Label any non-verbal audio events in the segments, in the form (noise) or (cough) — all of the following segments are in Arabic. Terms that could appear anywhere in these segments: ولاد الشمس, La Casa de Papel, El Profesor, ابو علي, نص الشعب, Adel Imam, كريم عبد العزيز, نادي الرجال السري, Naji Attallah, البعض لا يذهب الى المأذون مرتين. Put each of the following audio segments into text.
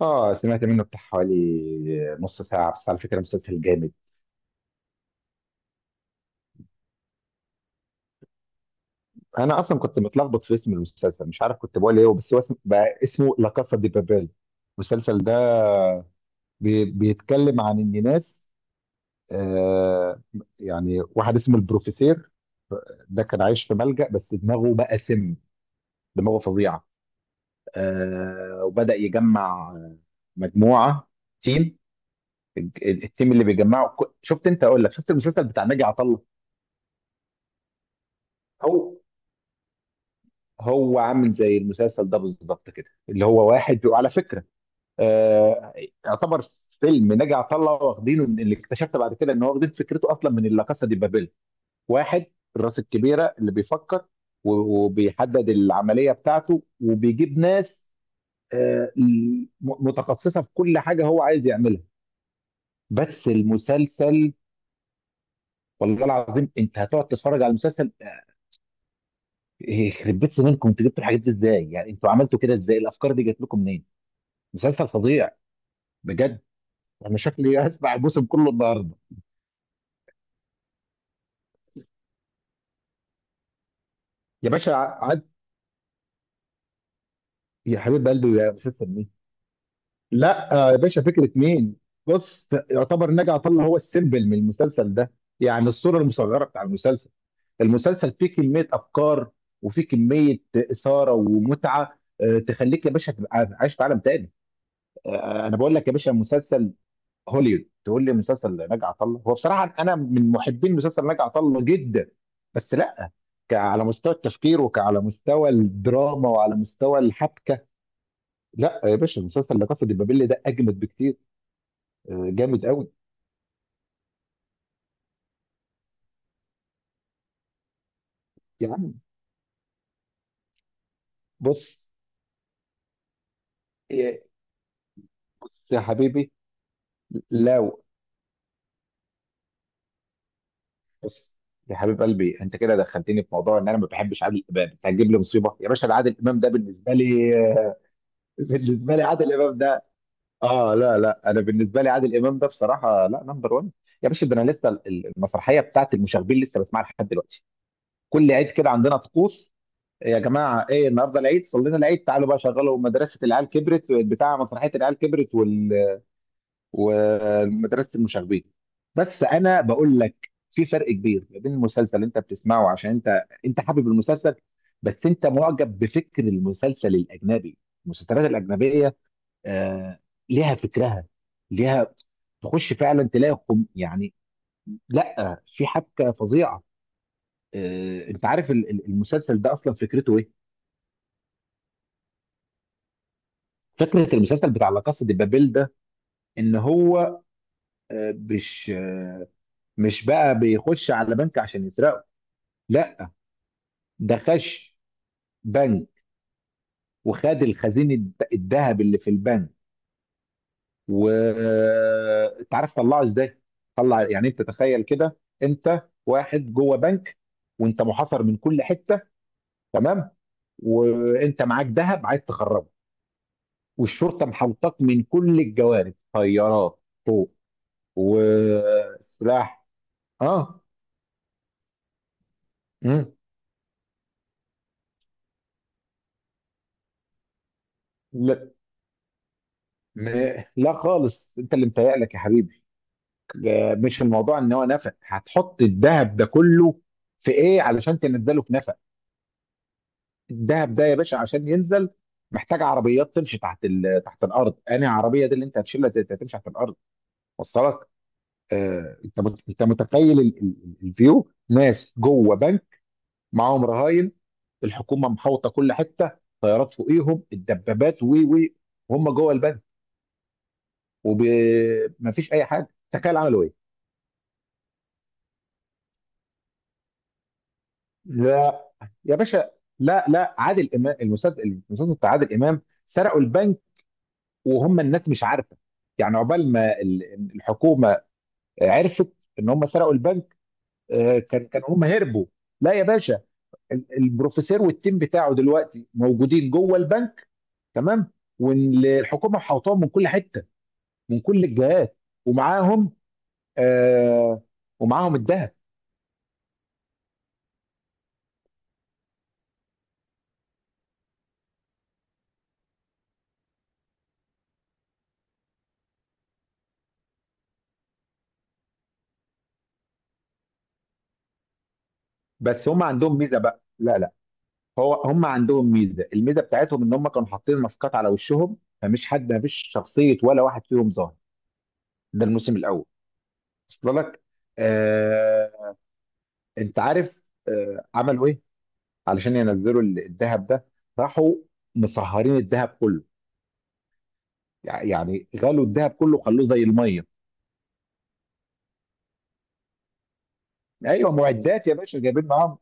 اه سمعت منه بتاع حوالي نص ساعة، بس على فكرة مسلسل جامد. أنا أصلا كنت متلخبط في اسم المسلسل، مش عارف كنت بقول إيه، بس هو اسم بقى اسمه لا كاسا دي بابيل. المسلسل ده بيتكلم عن إن ناس، آه، يعني واحد اسمه البروفيسير، ده كان عايش في ملجأ بس دماغه بقى سم. دماغه فظيعة. آه، وبدأ يجمع مجموعة، تيم، التيم اللي بيجمعه. شفت أنت؟ أقول لك شفت المسلسل بتاع ناجي عطا الله؟ هو عامل زي المسلسل ده بالظبط كده، اللي هو واحد بيبقى على فكره، آه، يعتبر فيلم نجا عطله واخدينه من، اللي اكتشفت بعد كده ان هو واخدين فكرته اصلا من لا كاسا دي بابيل. واحد، الراس الكبيره اللي بيفكر و- وبيحدد العمليه بتاعته وبيجيب ناس، آه م- متخصصه في كل حاجه هو عايز يعملها. بس المسلسل، والله العظيم انت هتقعد تتفرج على المسلسل، آه، يخرب بيت سنينكم، انتوا جبتوا الحاجات دي ازاي؟ يعني انتوا عملتوا كده ازاي؟ الافكار دي جات لكم منين؟ مسلسل فظيع بجد. انا شكلي هسمع الموسم كله النهارده. يا باشا عاد، يا حبيب قلبي يا مسلسل مين؟ لا آه، يا باشا فكره مين! بص، يعتبر نجع طلع هو السيمبل من المسلسل ده، يعني الصوره المصغره بتاع المسلسل. المسلسل فيه كميه افكار وفيه كميه اثاره ومتعه، آه، تخليك يا باشا تبقى عايش في عالم تاني. آه، انا بقول لك يا باشا، مسلسل هوليوود. تقول لي مسلسل ناجي عطا الله؟ هو بصراحه انا من محبين مسلسل ناجي عطا الله جدا، بس لا، ك- على مستوى التفكير وعلى مستوى الدراما وعلى مستوى الحبكه، لا يا باشا، مسلسل لا كاسا دي بابيل ده اجمد بكتير. آه، جامد قوي. يا عم بص، إيه، بص يا حبيبي، لو، بص يا حبيب قلبي، انت كده دخلتني في موضوع ان انا ما بحبش عادل امام. انت هتجيب لي مصيبه يا باشا، ده عادل امام ده بالنسبه لي. (laughs) بالنسبه لي عادل امام ده، اه لا لا، انا بالنسبه لي عادل امام ده بصراحه لا نمبر 1. يا باشا ده انا لسه ال- المسرحيه بتاعت المشاغبين لسه بسمعها لحد دلوقتي. كل عيد كده عندنا طقوس، يا جماعه ايه النهارده العيد، صلينا العيد، تعالوا بقى شغلوا مدرسه العيال كبرت، بتاع مسرحيه العيال كبرت ومدرسه المشاغبين. بس انا بقول لك، في فرق كبير ما بين المسلسل اللي انت بتسمعه، عشان انت، حابب المسلسل، بس انت معجب بفكر المسلسل الاجنبي. المسلسلات الاجنبيه، آه، ليها فكرها، ليها، تخش فعلا تلاقي خم يعني. لا، في حبكه فظيعه. آه، انت عارف المسلسل ده اصلا فكرته ايه؟ فكره المسلسل بتاع لا كاسا دي بابيل ده، ان هو، مش، آه، مش بقى بيخش على بنك عشان يسرقه، لا، ده خش بنك وخد الخزين الذهب اللي في البنك. وانت عارف طلعه ازاي؟ طلع، يعني انت تخيل كده، انت واحد جوه بنك، وانت محاصر من كل حته، تمام، وانت معاك ذهب عايز تخرجه، والشرطه محوطاك من كل الجوانب، طيارات، طوق، وسلاح. اه. مم. لا، لا خالص، انت اللي متهيألك يا حبيبي. ده مش الموضوع ان هو نفق هتحط الذهب ده كله في ايه علشان تنزله في نفق. الدهب ده يا باشا عشان ينزل محتاج عربيات تمشي تحت ال... تحت الارض. انا عربيه دي اللي انت هتشيلها تمشي تحت الارض؟ وصلك؟ آه... انت مت... انت متخيل الفيو ناس جوه بنك، معاهم رهاين، الحكومه محوطه كل حته، طيارات فوقيهم الدبابات، و وهم جوه البنك، ومفيش اي حاجه. تخيل عملوا ايه! لا يا باشا، لا لا، عادل امام المسلسل، المسلسل بتاع عادل امام سرقوا البنك وهم الناس مش عارفه، يعني عقبال ما ال- الحكومه عرفت ان هم سرقوا البنك. آه، كان هم هربوا. لا يا باشا، ال- البروفيسور والتيم بتاعه دلوقتي موجودين جوه البنك، تمام، والحكومه حوطاهم من كل حته، من كل الجهات، ومعاهم، آه، ومعاهم الذهب. بس هم عندهم ميزه بقى. لا لا، هو هم عندهم ميزه، الميزه بتاعتهم ان هم كانوا حاطين ماسكات على وشهم، فمش حد، مفيش شخصيه ولا واحد فيهم ظاهر. ده الموسم الاول. وصل لك؟ آه. انت عارف آه عملوا ايه علشان ينزلوا ال- الذهب ده؟ راحوا مصهرين الذهب كله، يعني غلوا الذهب كله خلوه زي الميه. ايوه، معدات يا باشا جايبين معاهم.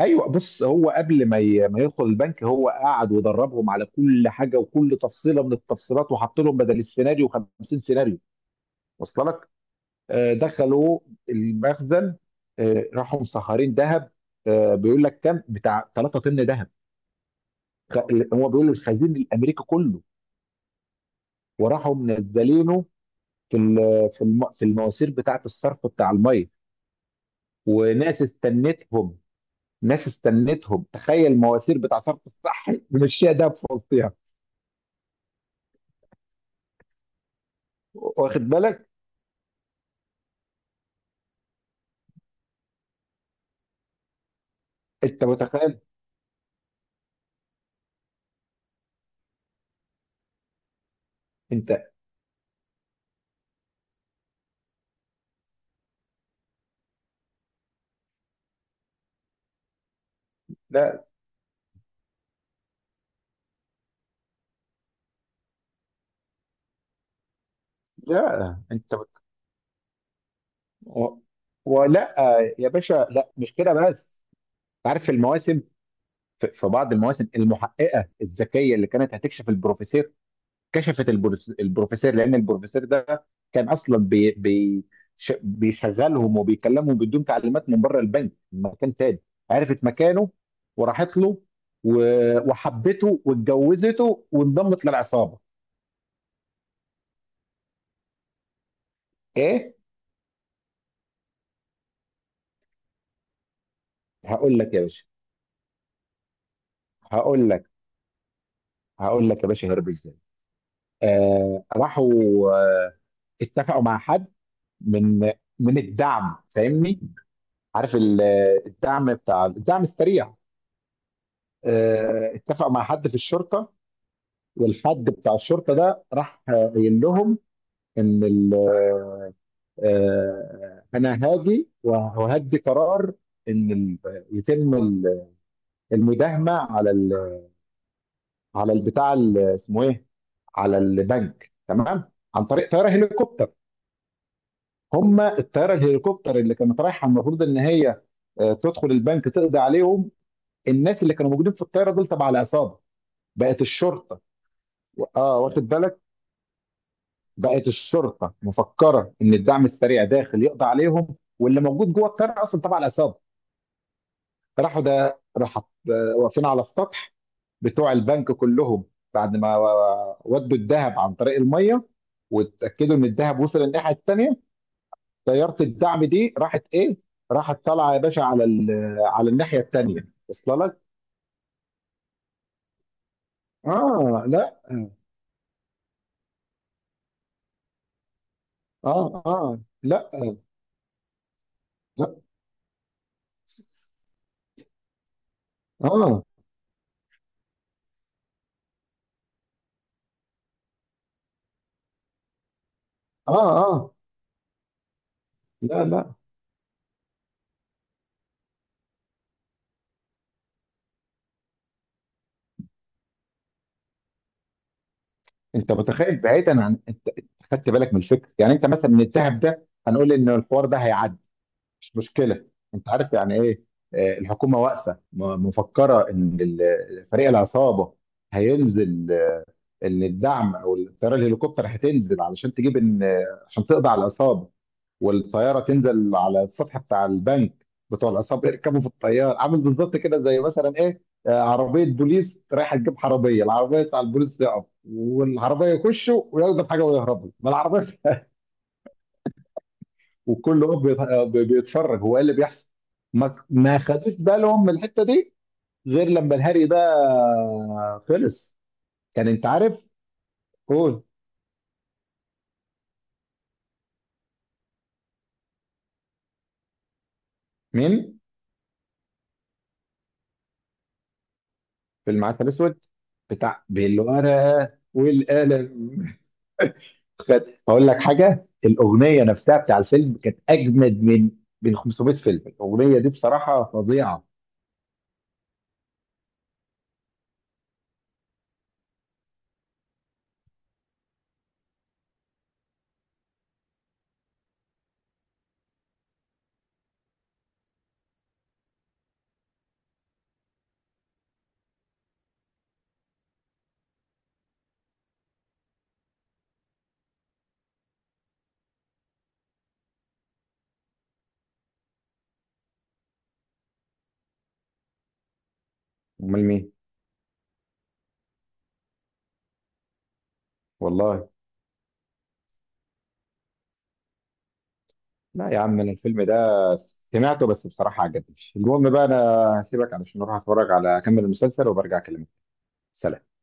ايوه بص، هو قبل ما يدخل البنك هو قعد ودربهم على كل حاجه وكل تفصيله من التفصيلات، وحط لهم بدل السيناريو 50 سيناريو. وصل لك؟ آه، دخلوا المخزن، آه، راحوا مسهرين ذهب، آه، بيقول لك كام بتاع 3 طن ذهب. خ- هو بيقول الخزين الامريكي كله. وراحوا منزلينه في ال- في الم- في المواسير بتاعه الصرف بتاع الميه، وناس استنتهم. ناس استنتهم. تخيل مواسير بتاع صرف الصح مشيها ده في وسطها. واخد بالك؟ انت متخيل؟ انت لا لا، انت مت... و... ولا، يا باشا، لا مش كده بس. عارف المواسم، في في بعض المواسم المحققه الذكيه اللي كانت هتكشف البروفيسور، كشفت البروفيسور، لان البروفيسور ده كان اصلا بيشغلهم وبيكلمهم بدون تعليمات، من بره البنك، من مكان تاني. عرفت مكانه وراحت له، وحبته واتجوزته وانضمت للعصابه. ايه! هقول لك يا باشا، هقول لك، هقول لك يا باشا هرب ازاي. آه راحوا، آه، اتفقوا مع حد، من من الدعم، فاهمني، عارف ال- الدعم بتاع الدعم السريع. آه، اتفقوا مع حد في الشرطه، والحد بتاع الشرطه ده راح قايل لهم ان ال-، آه، انا هاجي وهدي قرار ان ال- يتم ال- المداهمه على ال- على البتاع ال- اسمه ايه، على البنك، تمام، عن طريق طياره هليكوبتر. هم الطياره الهليكوبتر اللي كانت رايحه المفروض ان هي، آه، تدخل البنك تقضي عليهم، الناس اللي كانوا موجودين في الطياره دول تبع العصابه. بقت الشرطه، اه واخد بالك، بقت الشرطه مفكره ان الدعم السريع داخل يقضي عليهم، واللي موجود جوه القريه اصلا تبع العصابه. راحوا، ده راح واقفين على السطح بتوع البنك كلهم، بعد ما ودوا الذهب عن طريق الميه، واتاكدوا ان الذهب وصل الناحيه الثانيه، طياره الدعم دي راحت ايه؟ راحت طالعه يا باشا على ال- على الناحيه الثانيه. وصل لك؟ اه لا، اه اه لا لا، اه اه اه آه، لا لا، انت متخيل بعيدا عن أنت خدت بالك من الفكره؟ يعني انت مثلا من الذهب ده هنقول ان الحوار ده هيعدي، مش مشكله، انت عارف يعني ايه، آه، الحكومه واقفه مفكره ان ال- فريق العصابه هينزل، آه، ان الدعم او الطياره الهليكوبتر هتنزل علشان تجيب ان، آه، عشان تقضي على العصابه. والطياره تنزل على السطح بتاع البنك، بتوع العصابه يركبوا في الطياره. عامل بالظبط كده زي مثلا ايه، آه، عربيه بوليس رايحه تجيب حراميه، العربيه بتاع البوليس تقف والعربيه يخشوا وياخدوا الحاجه ويهربوا، ما العربيه وكل واقف بيتفرج هو ايه اللي بيحصل. ما خدوش بالهم من الحته دي غير لما الهري ده خلص. كان انت عارف، قول. مين؟ في المعسل الاسود، بتاع بالورقه والقلم. (laughs) خد، هقول لك حاجه، الاغنيه نفسها بتاع الفيلم كانت اجمد من من 500 فيلم. الاغنيه دي بصراحه فظيعه. امال مين؟ والله. لا يا عم، انا الفيلم ده سمعته بس بصراحه عجبني. المهم بقى، انا هسيبك علشان اروح اتفرج على اكمل المسلسل وبرجع اكلمك. سلام.